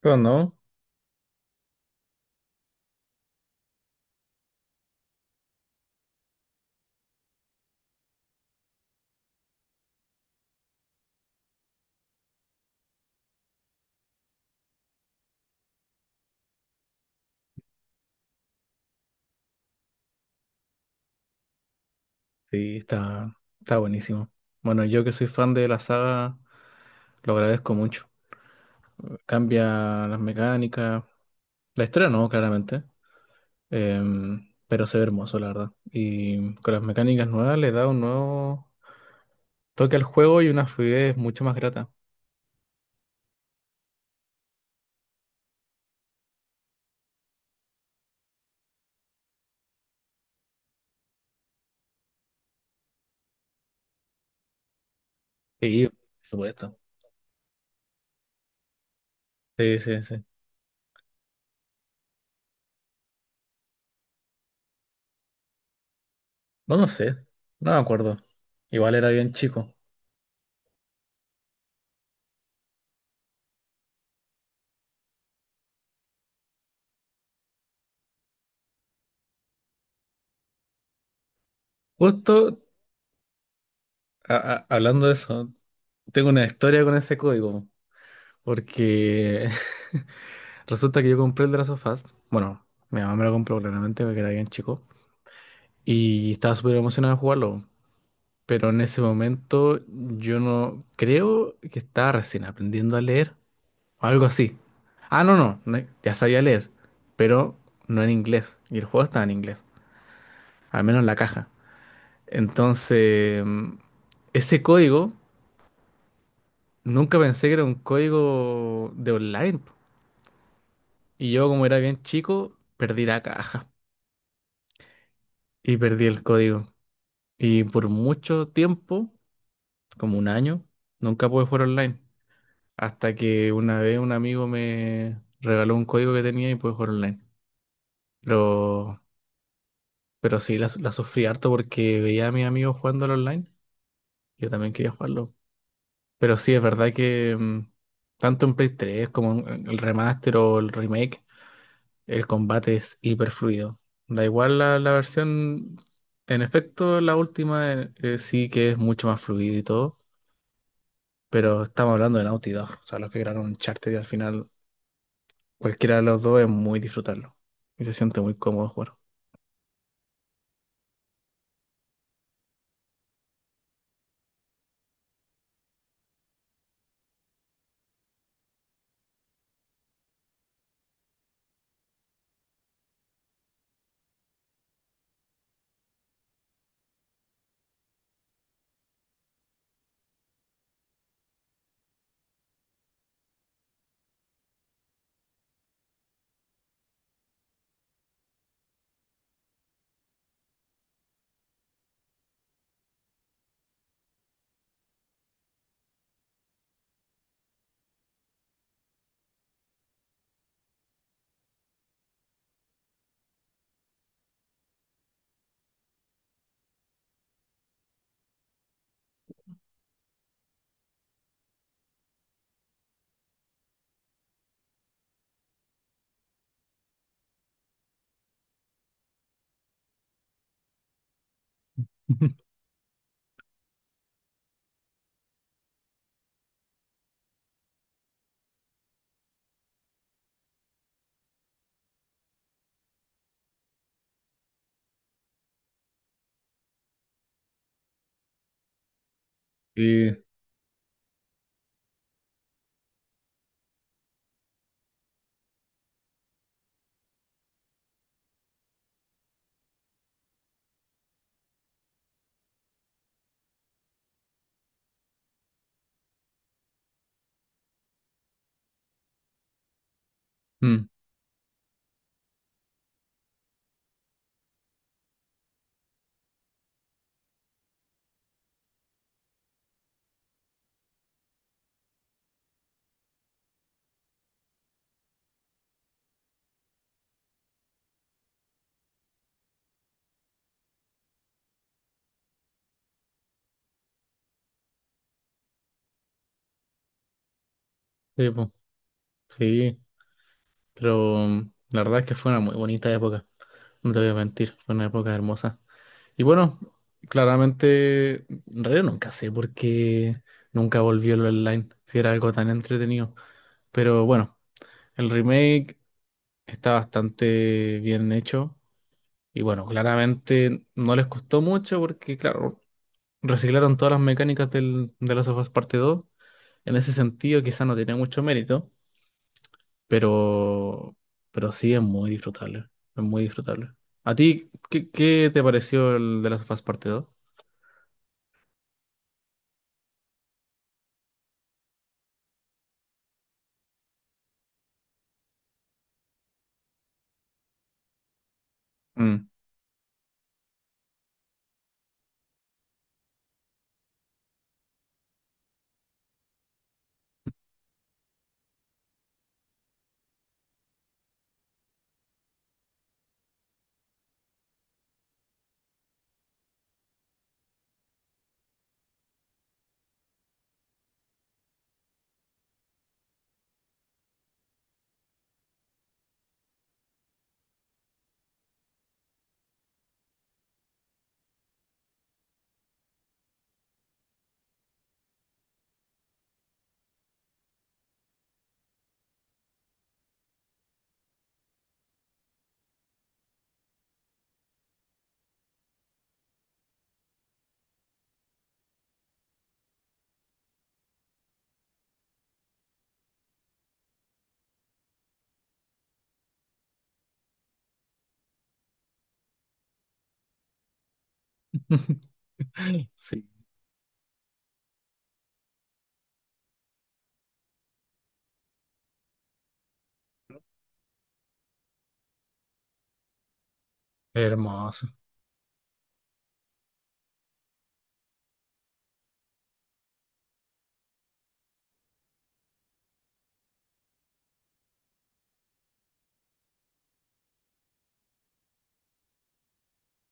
Pero no. Sí, está, está buenísimo. Bueno, yo que soy fan de la saga, lo agradezco mucho. Cambia las mecánicas, la historia no, claramente, pero se ve hermoso, la verdad. Y con las mecánicas nuevas le da un nuevo toque al juego y una fluidez mucho más grata. Sí, por supuesto. Sí, sí, sí. No, no sé, no me acuerdo. Igual era bien chico. Justo hablando de eso, tengo una historia con ese código, porque resulta que yo compré el The Last of Us. Bueno, mi mamá me lo compró claramente porque era bien chico. Y estaba súper emocionado de jugarlo. Pero en ese momento yo no creo que estaba recién aprendiendo a leer o algo así. Ah, no, no, no, ya sabía leer, pero no en inglés. Y el juego estaba en inglés, al menos la caja. Entonces, ese código nunca pensé que era un código de online, po. Y yo, como era bien chico, perdí la caja y perdí el código. Y por mucho tiempo, como un año, nunca pude jugar online. Hasta que una vez un amigo me regaló un código que tenía y pude jugar online. Pero, pero sí, la sufrí harto porque veía a mis amigos jugando al online. Yo también quería jugarlo. Pero sí, es verdad que tanto en Play 3 como en el remaster o el remake, el combate es hiper fluido. Da igual la versión, en efecto, la última sí que es mucho más fluido y todo. Pero estamos hablando de Naughty Dog, o sea, los que crearon Uncharted, y al final cualquiera de los dos es muy disfrutarlo y se siente muy cómodo jugar. Sí, mm, sí, po, sí, pero la verdad es que fue una muy bonita época, no te voy a mentir, fue una época hermosa. Y bueno, claramente, en realidad nunca sé por qué nunca volvió el online, si era algo tan entretenido. Pero bueno, el remake está bastante bien hecho. Y bueno, claramente no les costó mucho porque, claro, reciclaron todas las mecánicas del, de Last of Us Parte dos. En ese sentido, quizá no tiene mucho mérito, pero, pero sí es muy disfrutable. Es muy disfrutable. ¿A ti qué, qué te pareció el de Last of Us Parte dos? Mm. Sí, hermoso.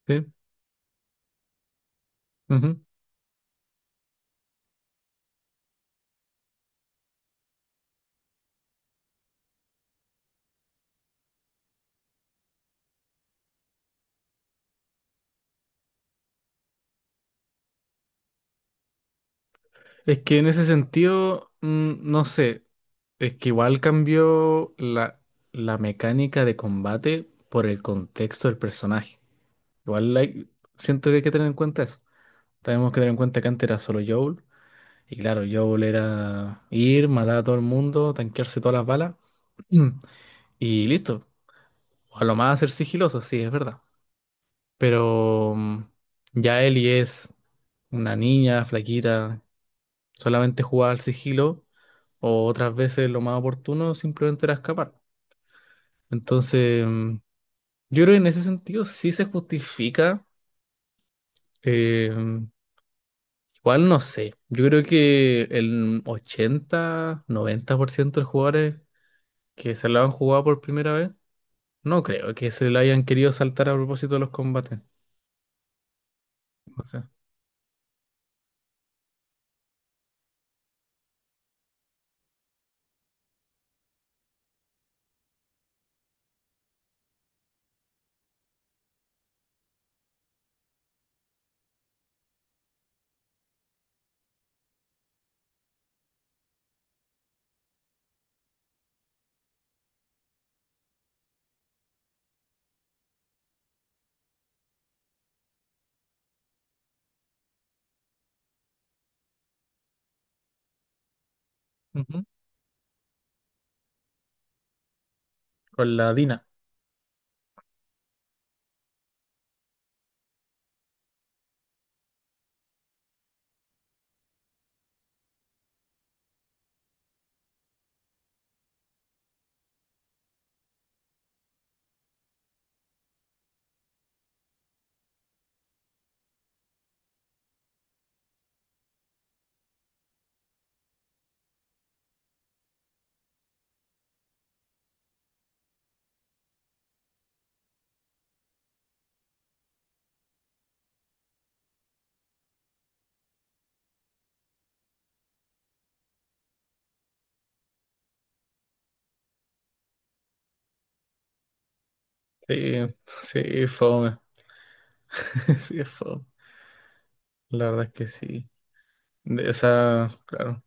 Sí, ujú. Es que en ese sentido, no sé, es que igual cambió la mecánica de combate por el contexto del personaje. Igual like, siento que hay que tener en cuenta eso. Tenemos que tener en cuenta que antes era solo Joel. Y claro, Joel era ir, matar a todo el mundo, tanquearse todas las balas. Y listo. O a lo más ser sigiloso, sí, es verdad. Pero ya Ellie es una niña flaquita, solamente jugaba al sigilo. O otras veces lo más oportuno simplemente era escapar. Entonces, yo creo que en ese sentido sí se justifica. eh, ¿Cuál? No sé. Yo creo que el 80, 90% de los jugadores que se la han jugado por primera vez, no creo que se la hayan querido saltar a propósito de los combates. O sea, ujú. Con la Dina. Sí, sí, es fome. Sí, es fome. La verdad es que sí. De esa, claro.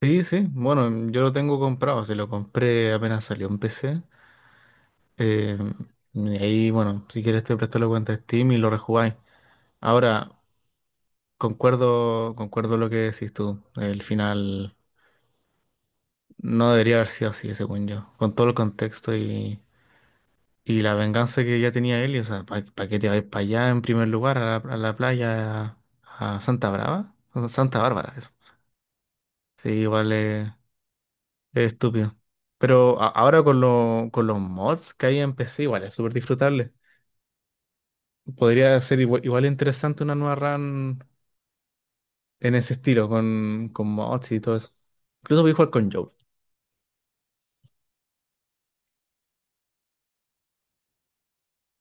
Sí, sí. Bueno, yo lo tengo comprado. Se lo compré apenas salió en PC. Eh, y ahí, bueno, si quieres te presto la cuenta de Steam y lo rejugáis. Ahora, concuerdo, concuerdo lo que decís tú. El final no debería haber sido así, según yo. Con todo el contexto y la venganza que ya tenía él. Y, o sea, ¿para qué te vais para allá en primer lugar, a la playa, a Santa Brava? O Santa Bárbara, eso. Sí, igual es estúpido. Pero ahora con, con los mods que hay en PC, igual es súper disfrutable. Podría ser igual, igual interesante una nueva run en ese estilo, con mods y todo eso. Incluso voy a jugar con Joel.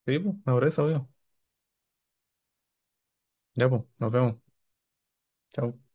Sí, pues, me parece, obvio. Ya, pues, nos vemos. Chao.